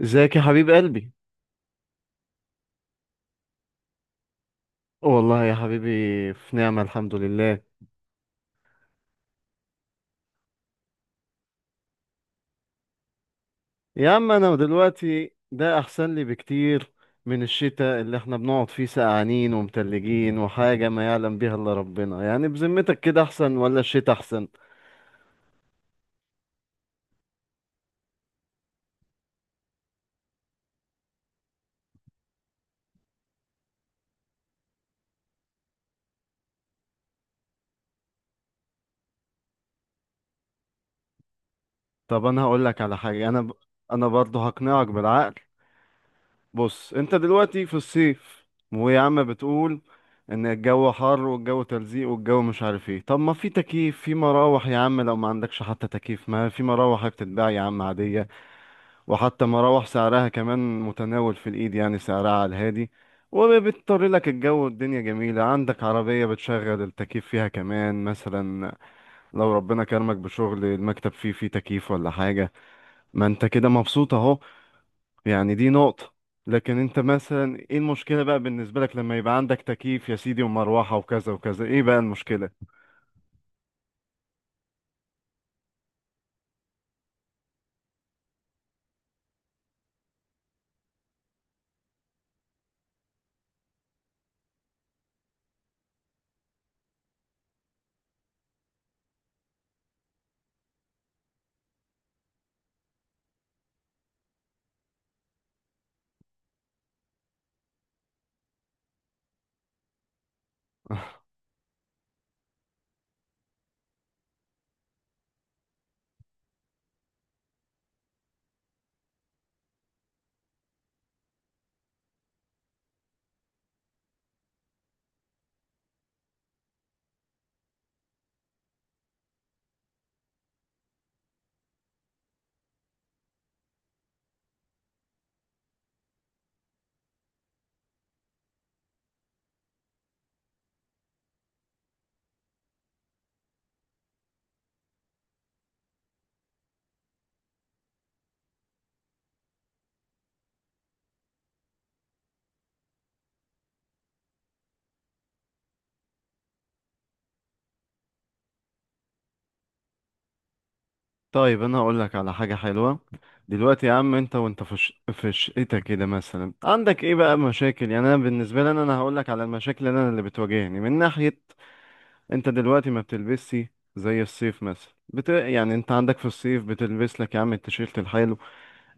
ازيك يا حبيب قلبي. والله يا حبيبي، في نعمة الحمد لله. يا عم انا دلوقتي ده احسن لي بكتير من الشتاء اللي احنا بنقعد فيه سقعانين ومتلجين وحاجة ما يعلم بيها الا ربنا، يعني بذمتك كده احسن ولا الشتاء احسن؟ طب انا هقول لك على حاجة، انا برضه هقنعك بالعقل. بص انت دلوقتي في الصيف ويا عم بتقول ان الجو حر والجو تلزيق والجو مش عارف ايه. طب ما في تكييف، في مراوح يا عم، لو ما عندكش حتى تكييف ما في مراوح بتتباع يا عم عادية. وحتى مراوح سعرها كمان متناول في الايد، يعني سعرها على الهادي. وبتطر لك الجو والدنيا جميلة، عندك عربية بتشغل التكييف فيها كمان مثلا. لو ربنا كرمك بشغل المكتب فيه تكييف ولا حاجة. ما انت كده مبسوط اهو. يعني دي نقطة. لكن انت مثلا ايه المشكلة بقى بالنسبة لك لما يبقى عندك تكييف يا سيدي ومروحة وكذا وكذا، ايه بقى المشكلة؟ طيب انا هقول لك على حاجة حلوة. دلوقتي يا عم انت وانت في في شقتك كده مثلا عندك ايه بقى مشاكل، يعني انا بالنسبة لي أنا هقول لك على المشاكل اللي انا اللي بتواجهني من ناحية. انت دلوقتي ما بتلبسي زي الصيف مثلا، يعني انت عندك في الصيف بتلبس لك يا عم التيشيرت الحلو،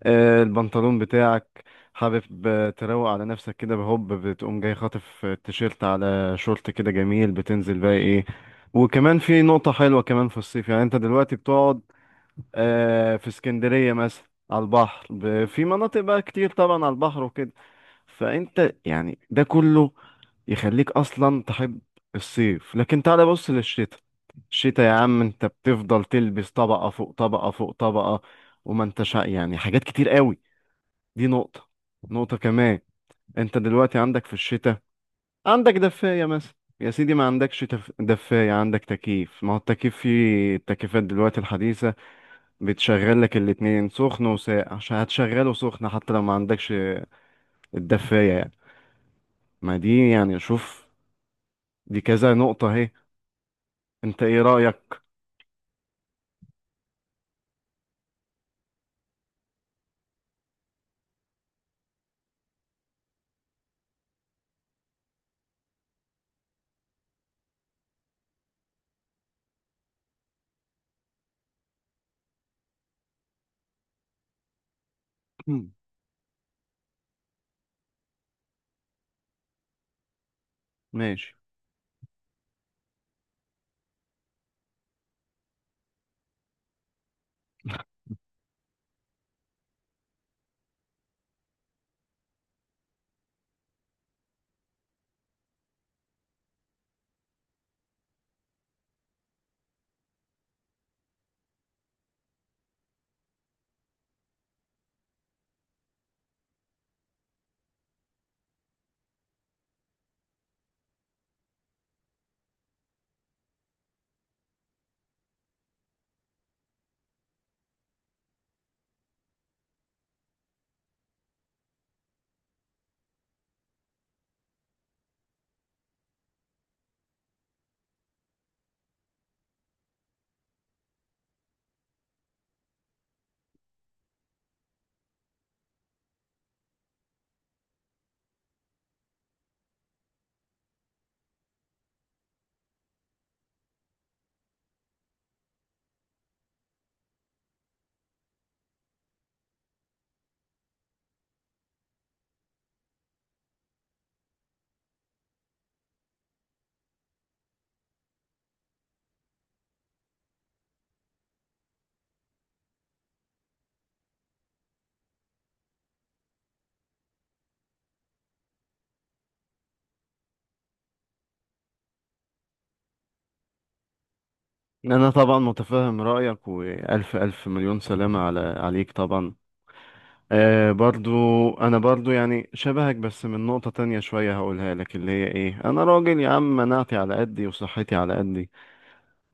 البنطلون بتاعك، حابب تروق على نفسك كده بهوب، بتقوم جاي خاطف التيشيرت على شورت كده جميل، بتنزل بقى ايه. وكمان في نقطة حلوة كمان في الصيف، يعني انت دلوقتي بتقعد في اسكندرية مثلا على البحر، في مناطق بقى كتير طبعا على البحر وكده. فانت يعني ده كله يخليك اصلا تحب الصيف. لكن تعالى بص للشتاء. الشتاء يا عم انت بتفضل تلبس طبقة فوق طبقة فوق طبقة، وما انتش يعني حاجات كتير قوي. دي نقطة. نقطة كمان، انت دلوقتي عندك في الشتاء، عندك دفاية مثلا، يا سيدي ما عندكش دفاية، عندك تكييف، ما هو التكييف في التكييفات دلوقتي الحديثة بتشغل لك الاتنين سخن وساقع، عشان هتشغله سخن حتى لو ما عندكش الدفاية يعني. ما دي يعني شوف، دي كذا نقطة اهي، انت ايه رأيك؟ مم. ماشي. انا طبعا متفهم رايك، والف الف مليون سلامه على عليك طبعا. آه برضو، انا برضو يعني شبهك، بس من نقطه تانية شويه هقولها لك، اللي هي ايه، انا راجل يا عم مناعتي على قدي وصحتي على قدي.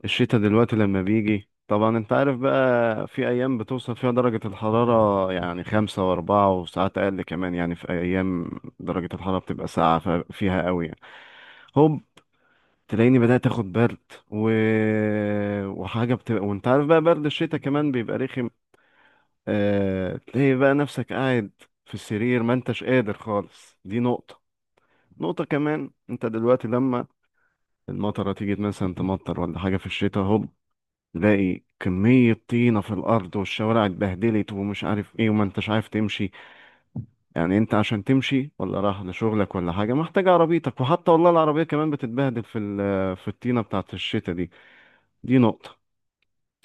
الشتا دلوقتي لما بيجي طبعا انت عارف، بقى في ايام بتوصل فيها درجه الحراره يعني 5 واربعة وساعات اقل كمان، يعني في ايام درجه الحراره بتبقى ساقعه فيها قوي يعني. هوب، تلاقيني بدأت اخد برد، و... وحاجة بتبقى، وانت عارف بقى برد الشتاء كمان بيبقى رخم. تلاقي بقى نفسك قاعد في السرير ما انتش قادر خالص. دي نقطة. نقطة كمان، انت دلوقتي لما المطرة تيجي مثلا تمطر ولا حاجة في الشتاء، هوب تلاقي كمية طينة في الأرض والشوارع اتبهدلت ومش عارف ايه، وما انتش عارف تمشي. يعني انت عشان تمشي ولا رايح لشغلك ولا حاجة محتاج عربيتك، وحتى والله العربية كمان بتتبهدل في الطينة بتاعت الشتاء دي. دي نقطة.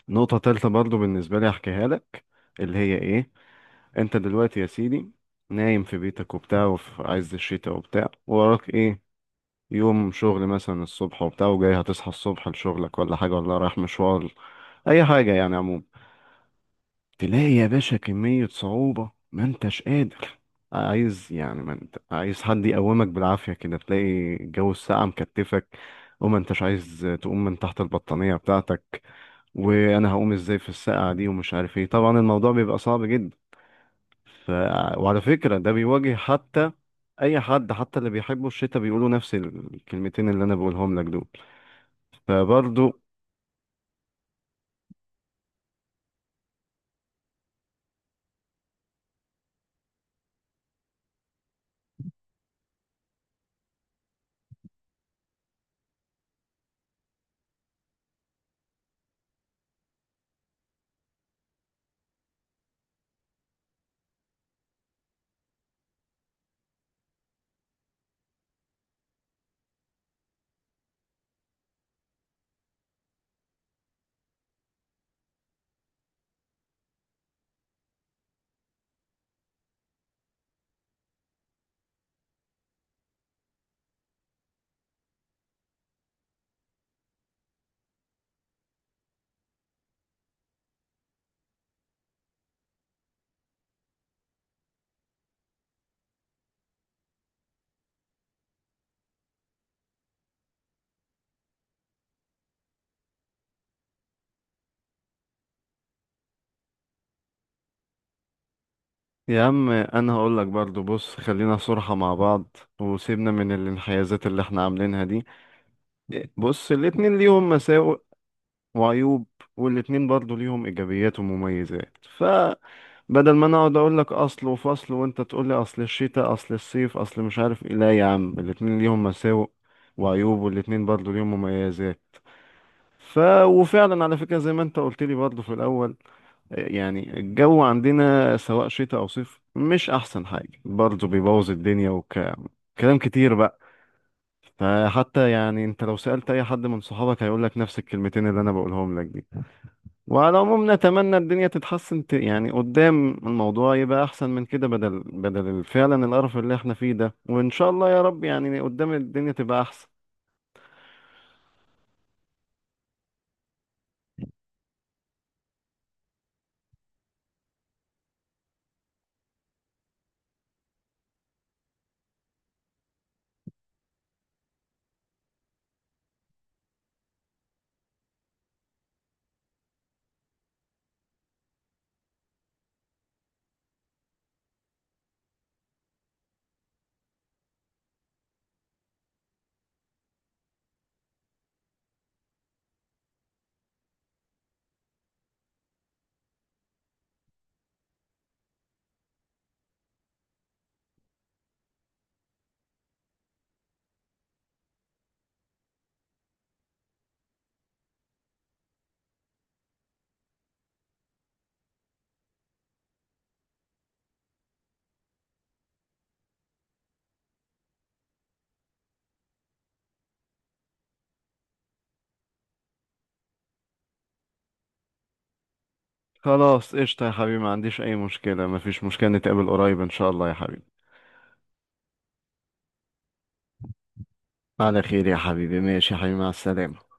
نقطة تالتة برضو بالنسبة لي أحكيها لك، اللي هي إيه، أنت دلوقتي يا سيدي نايم في بيتك وبتاع وفي عز الشتاء وبتاع، وراك إيه، يوم شغل مثلا الصبح وبتاع، وجاي هتصحى الصبح لشغلك ولا حاجة ولا رايح مشوار، أي حاجة يعني عموما. تلاقي يا باشا كمية صعوبة ما انتش قادر، عايز يعني ما انت عايز حد يقومك بالعافية كده، تلاقي جو الساعة مكتفك وما انتش عايز تقوم من تحت البطانية بتاعتك، وانا هقوم ازاي في الساعة دي ومش عارف ايه، طبعا الموضوع بيبقى صعب جدا. ف... وعلى فكرة ده بيواجه حتى اي حد حتى اللي بيحبوا الشتاء بيقولوا نفس الكلمتين اللي انا بقولهم لك دول، فبرضه. يا عم انا هقول لك برضو، بص خلينا صراحة مع بعض وسيبنا من الانحيازات اللي احنا عاملينها دي. بص الاتنين ليهم مساوئ وعيوب، والاتنين برضو ليهم ايجابيات ومميزات. فبدل ما انا اقعد اقول لك اصل وفصل وانت تقول لي اصل الشتاء اصل الصيف اصل مش عارف ايه، لا يا عم الاتنين ليهم مساوئ وعيوب، والاتنين برضو ليهم مميزات. ف وفعلا على فكرة زي ما انت قلت لي برضو في الاول، يعني الجو عندنا سواء شتاء أو صيف مش أحسن حاجة، برضه بيبوظ الدنيا وكلام كلام كتير بقى. فحتى يعني أنت لو سألت أي حد من صحابك هيقول لك نفس الكلمتين اللي أنا بقولهم لك دي. وعلى العموم نتمنى الدنيا تتحسن، يعني قدام الموضوع يبقى أحسن من كده، بدل فعلا القرف اللي إحنا فيه ده، وإن شاء الله يا رب يعني قدام الدنيا تبقى أحسن. خلاص قشطة يا حبيبي، ما عنديش أي مشكلة، ما فيش مشكلة، نتقابل قريب إن شاء الله يا حبيبي. على خير يا حبيبي، ماشي يا حبيبي، مع السلامة.